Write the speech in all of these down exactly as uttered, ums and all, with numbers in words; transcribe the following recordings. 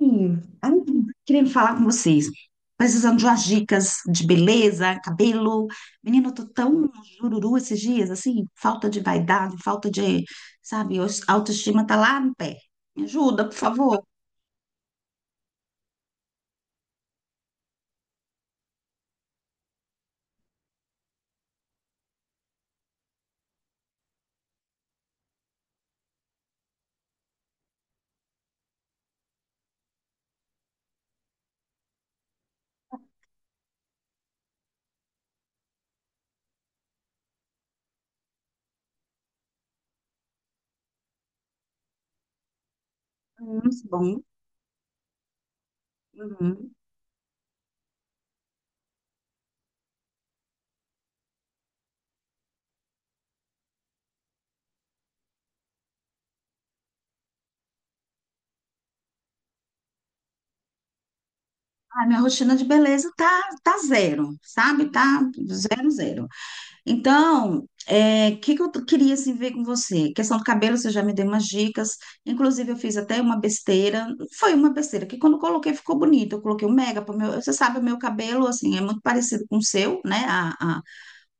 Sim, ai, queria falar com vocês. Precisando de umas dicas de beleza, cabelo. Menino, eu tô tão jururu esses dias, assim, falta de vaidade, falta de, sabe, os- a autoestima tá lá no pé. Me ajuda, por favor. Hum, bom. Uhum. Ah, minha rotina de beleza tá, tá zero, sabe? Tá zero, zero. Então, o que que eu t- queria assim, ver com você? Questão do cabelo, você já me deu umas dicas. Inclusive, eu fiz até uma besteira. Foi uma besteira, que quando eu coloquei ficou bonito. Eu coloquei um mega para meu. Você sabe, o meu cabelo, assim, é muito parecido com o seu, né? A, a-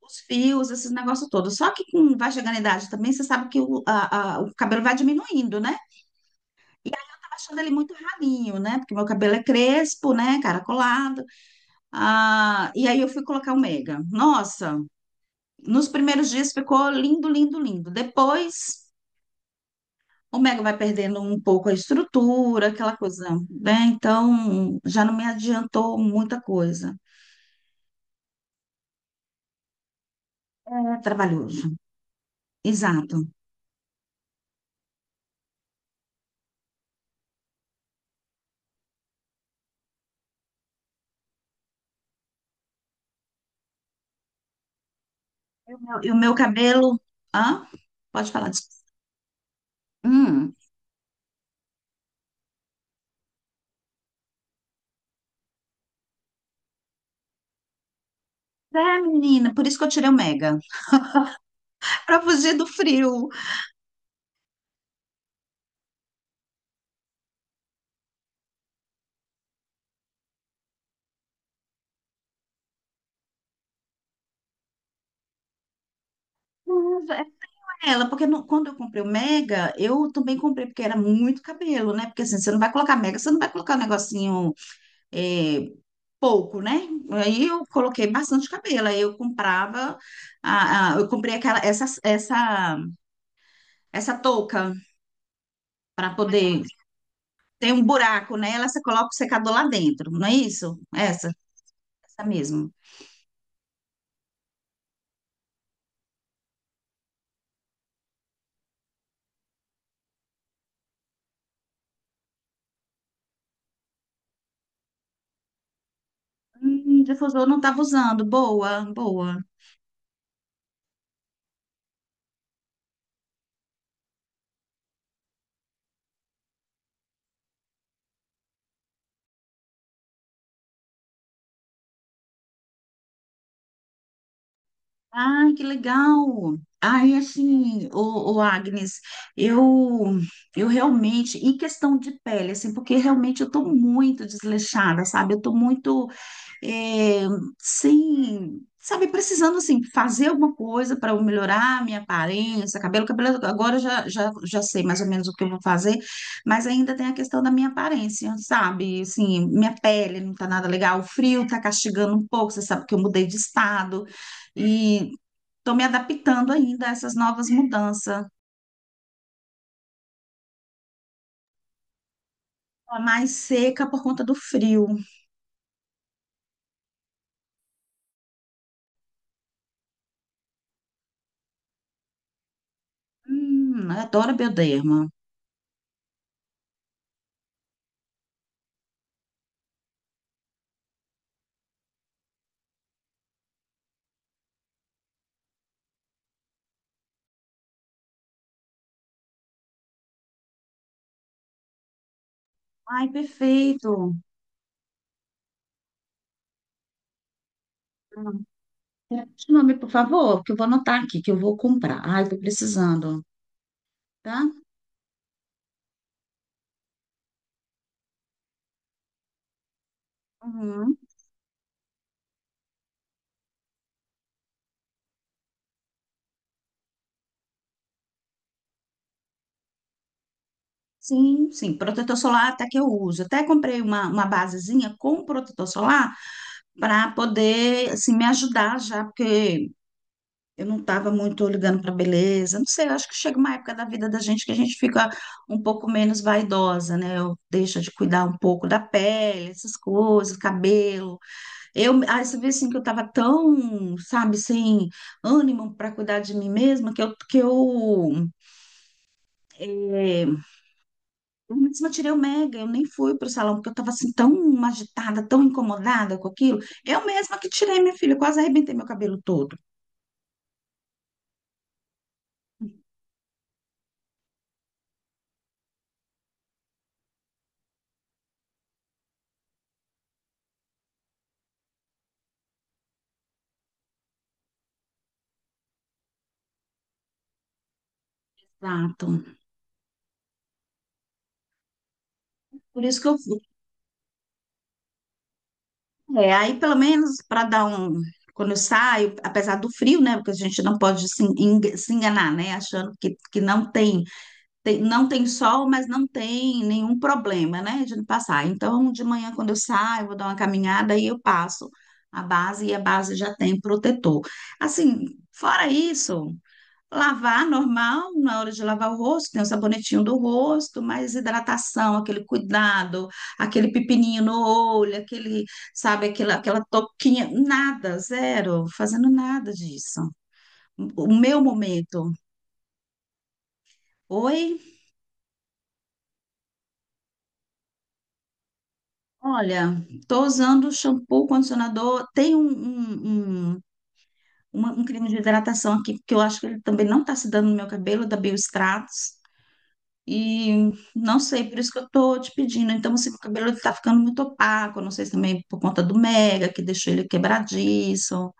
Os fios, esses negócios todos. Só que com, vai chegando a idade também, você sabe que o, a- a- o cabelo vai diminuindo, né? Tá achando ele muito ralinho, né? Porque meu cabelo é crespo, né? Caracolado. Ah, e aí eu fui colocar o mega. Nossa! Nos primeiros dias ficou lindo, lindo, lindo. Depois, o Mega vai perdendo um pouco a estrutura, aquela coisa, né? Então, já não me adiantou muita coisa. É trabalhoso. Exato. E o meu, e o meu cabelo. Hã? Pode falar disso. Hum. É, menina, por isso que eu tirei o Mega. É pra fugir do frio. Mas é com ela, porque no- quando eu comprei o Mega, eu também comprei porque era muito cabelo, né? Porque assim, você não vai colocar Mega, você não vai colocar um negocinho eh, pouco, né? Aí eu coloquei bastante cabelo. Aí eu comprava, a, a- eu comprei aquela, essa, essa, essa touca para poder ter um buraco nela, você coloca o secador lá dentro, não é isso? Essa, essa mesmo. Hum, difusor eu não estava usando. Boa, boa. Ai, que legal. Ai, assim, o, Agnes, eu, eu realmente, em questão de pele, assim, porque realmente eu tô muito desleixada, sabe? Eu tô muito é, sem, sabe, precisando assim fazer alguma coisa para eu melhorar a minha aparência, cabelo, cabelo, agora eu já, já, já sei mais ou menos o que eu vou fazer, mas ainda tem a questão da minha aparência, sabe? Assim, minha pele não tá nada legal, o frio tá castigando um pouco, você sabe que eu mudei de estado e tô me adaptando ainda a essas novas mudanças. Tô mais seca por conta do frio. Hum, eu adoro bioderma. Ai, perfeito. Me o nome, por favor, que eu vou anotar aqui, que eu vou comprar. Ai, tô precisando, tá? Uhum. Sim, sim, protetor solar até que eu uso. Até comprei uma, uma basezinha com protetor solar para poder assim, me ajudar já, porque eu não estava muito ligando para beleza. Não sei, eu acho que chega uma época da vida da gente que a gente fica um pouco menos vaidosa, né? Eu deixo de cuidar um pouco da pele, essas coisas, cabelo. Eu, aí você vê assim que eu tava tão, sabe, sem ânimo para cuidar de mim mesma, que eu, que eu, é, eu mesma tirei o mega, eu nem fui pro salão, porque eu tava assim tão agitada, tão incomodada com aquilo. Eu mesma que tirei, minha filha, eu quase arrebentei meu cabelo todo. Exato. Por isso que eu fui. É, aí pelo menos para dar um. Quando eu saio, apesar do frio, né? Porque a gente não pode se en- se enganar, né? Achando que, que não tem tem- não tem sol, mas não tem nenhum problema, né, de passar. Então, de manhã, quando eu saio, vou dar uma caminhada e eu passo a base e a base já tem protetor. Assim, fora isso, lavar normal, na hora de lavar o rosto, tem o sabonetinho do rosto, mas hidratação, aquele cuidado, aquele pepininho no olho, aquele, sabe, aquela, aquela toquinha, nada, zero, fazendo nada disso. O meu momento. Oi? Olha, estou usando shampoo, condicionador. Tem um, um, um, uma- um creme de hidratação aqui, que eu acho que ele também não está se dando no meu cabelo, da Biostratos. E não sei, por isso que eu estou te pedindo. Então, assim, meu cabelo está ficando muito opaco. Não sei se também por conta do Mega, que deixou ele quebradiço.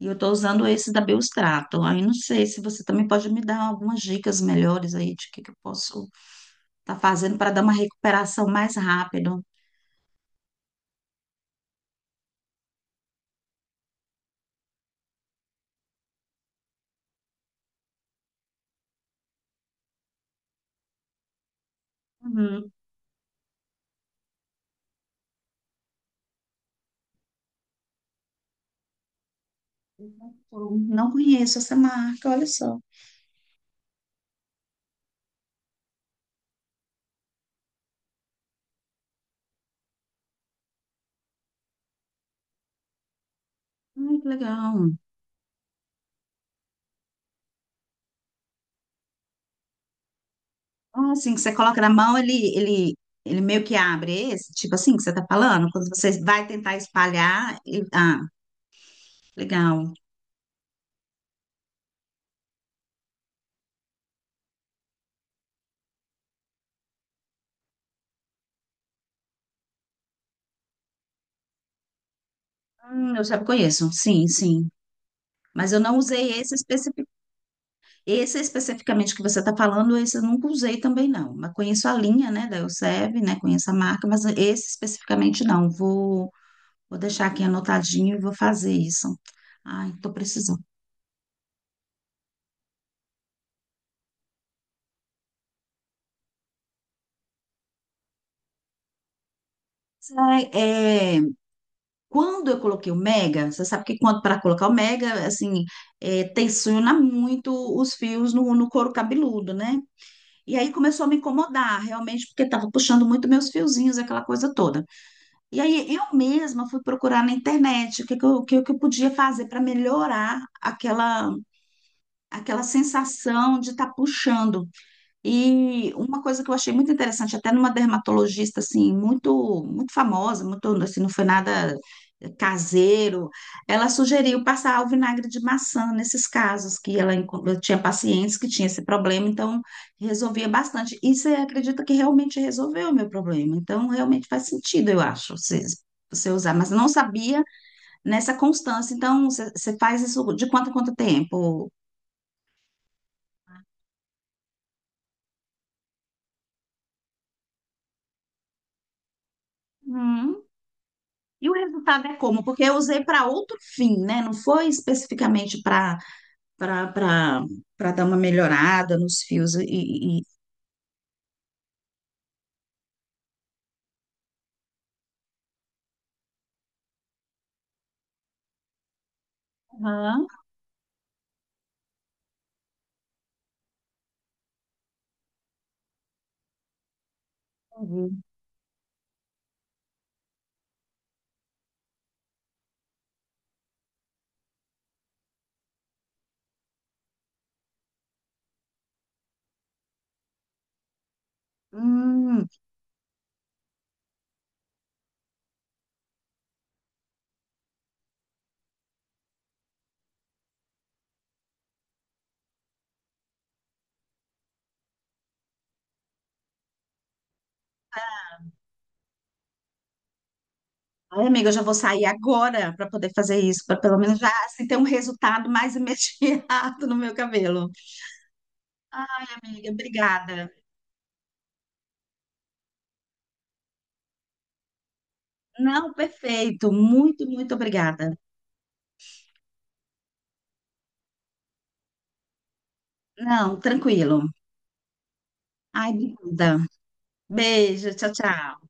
E eu estou usando esse da Biostrato. Aí não sei se você também pode me dar algumas dicas melhores aí de o que, que eu posso estar fazendo para dar uma recuperação mais rápido. Uhum. Não conheço essa marca, olha só. Ai, que legal. Ah, assim, que você coloca na mão, ele, ele, ele meio que abre esse, tipo assim que você tá falando, quando você vai tentar espalhar, ele- ah, legal. Hum, eu já conheço, sim, sim. Mas eu não usei esse, especifi... esse especificamente que você tá falando, esse eu nunca usei também, não. Mas conheço a linha, né, da Elseve, né, conheço a marca, mas esse especificamente não. Vou, vou deixar aqui anotadinho e vou fazer isso. Ai, tô precisando. Sai, é, quando eu coloquei o Mega, você sabe que quando para colocar o Mega, assim, é, tensiona muito os fios no, no couro cabeludo, né? E aí começou a me incomodar, realmente, porque estava puxando muito meus fiozinhos, aquela coisa toda. E aí eu mesma fui procurar na internet o que, que, eu, o que que eu podia fazer para melhorar aquela, aquela sensação de estar puxando. E uma coisa que eu achei muito interessante, até numa dermatologista assim, muito muito famosa, muito assim, não foi nada caseiro, ela sugeriu passar o vinagre de maçã nesses casos que ela enco- tinha pacientes que tinham esse problema, então resolvia bastante. E você acredita que realmente resolveu o meu problema? Então realmente faz sentido, eu acho, você, você usar, mas eu não sabia nessa constância. Então você, você faz isso de quanto a quanto tempo? E o resultado é como? Porque eu usei para outro fim, né? Não foi especificamente para para para dar uma melhorada nos fios e, e- e- Aham. Entendi. Hum. Ai, amiga, eu já vou sair agora para poder fazer isso, para pelo menos já assim, ter um resultado mais imediato no meu cabelo. Amiga, obrigada. Não, perfeito. Muito, muito obrigada. Não, tranquilo. Ai, obrigada. Beijo, tchau, tchau.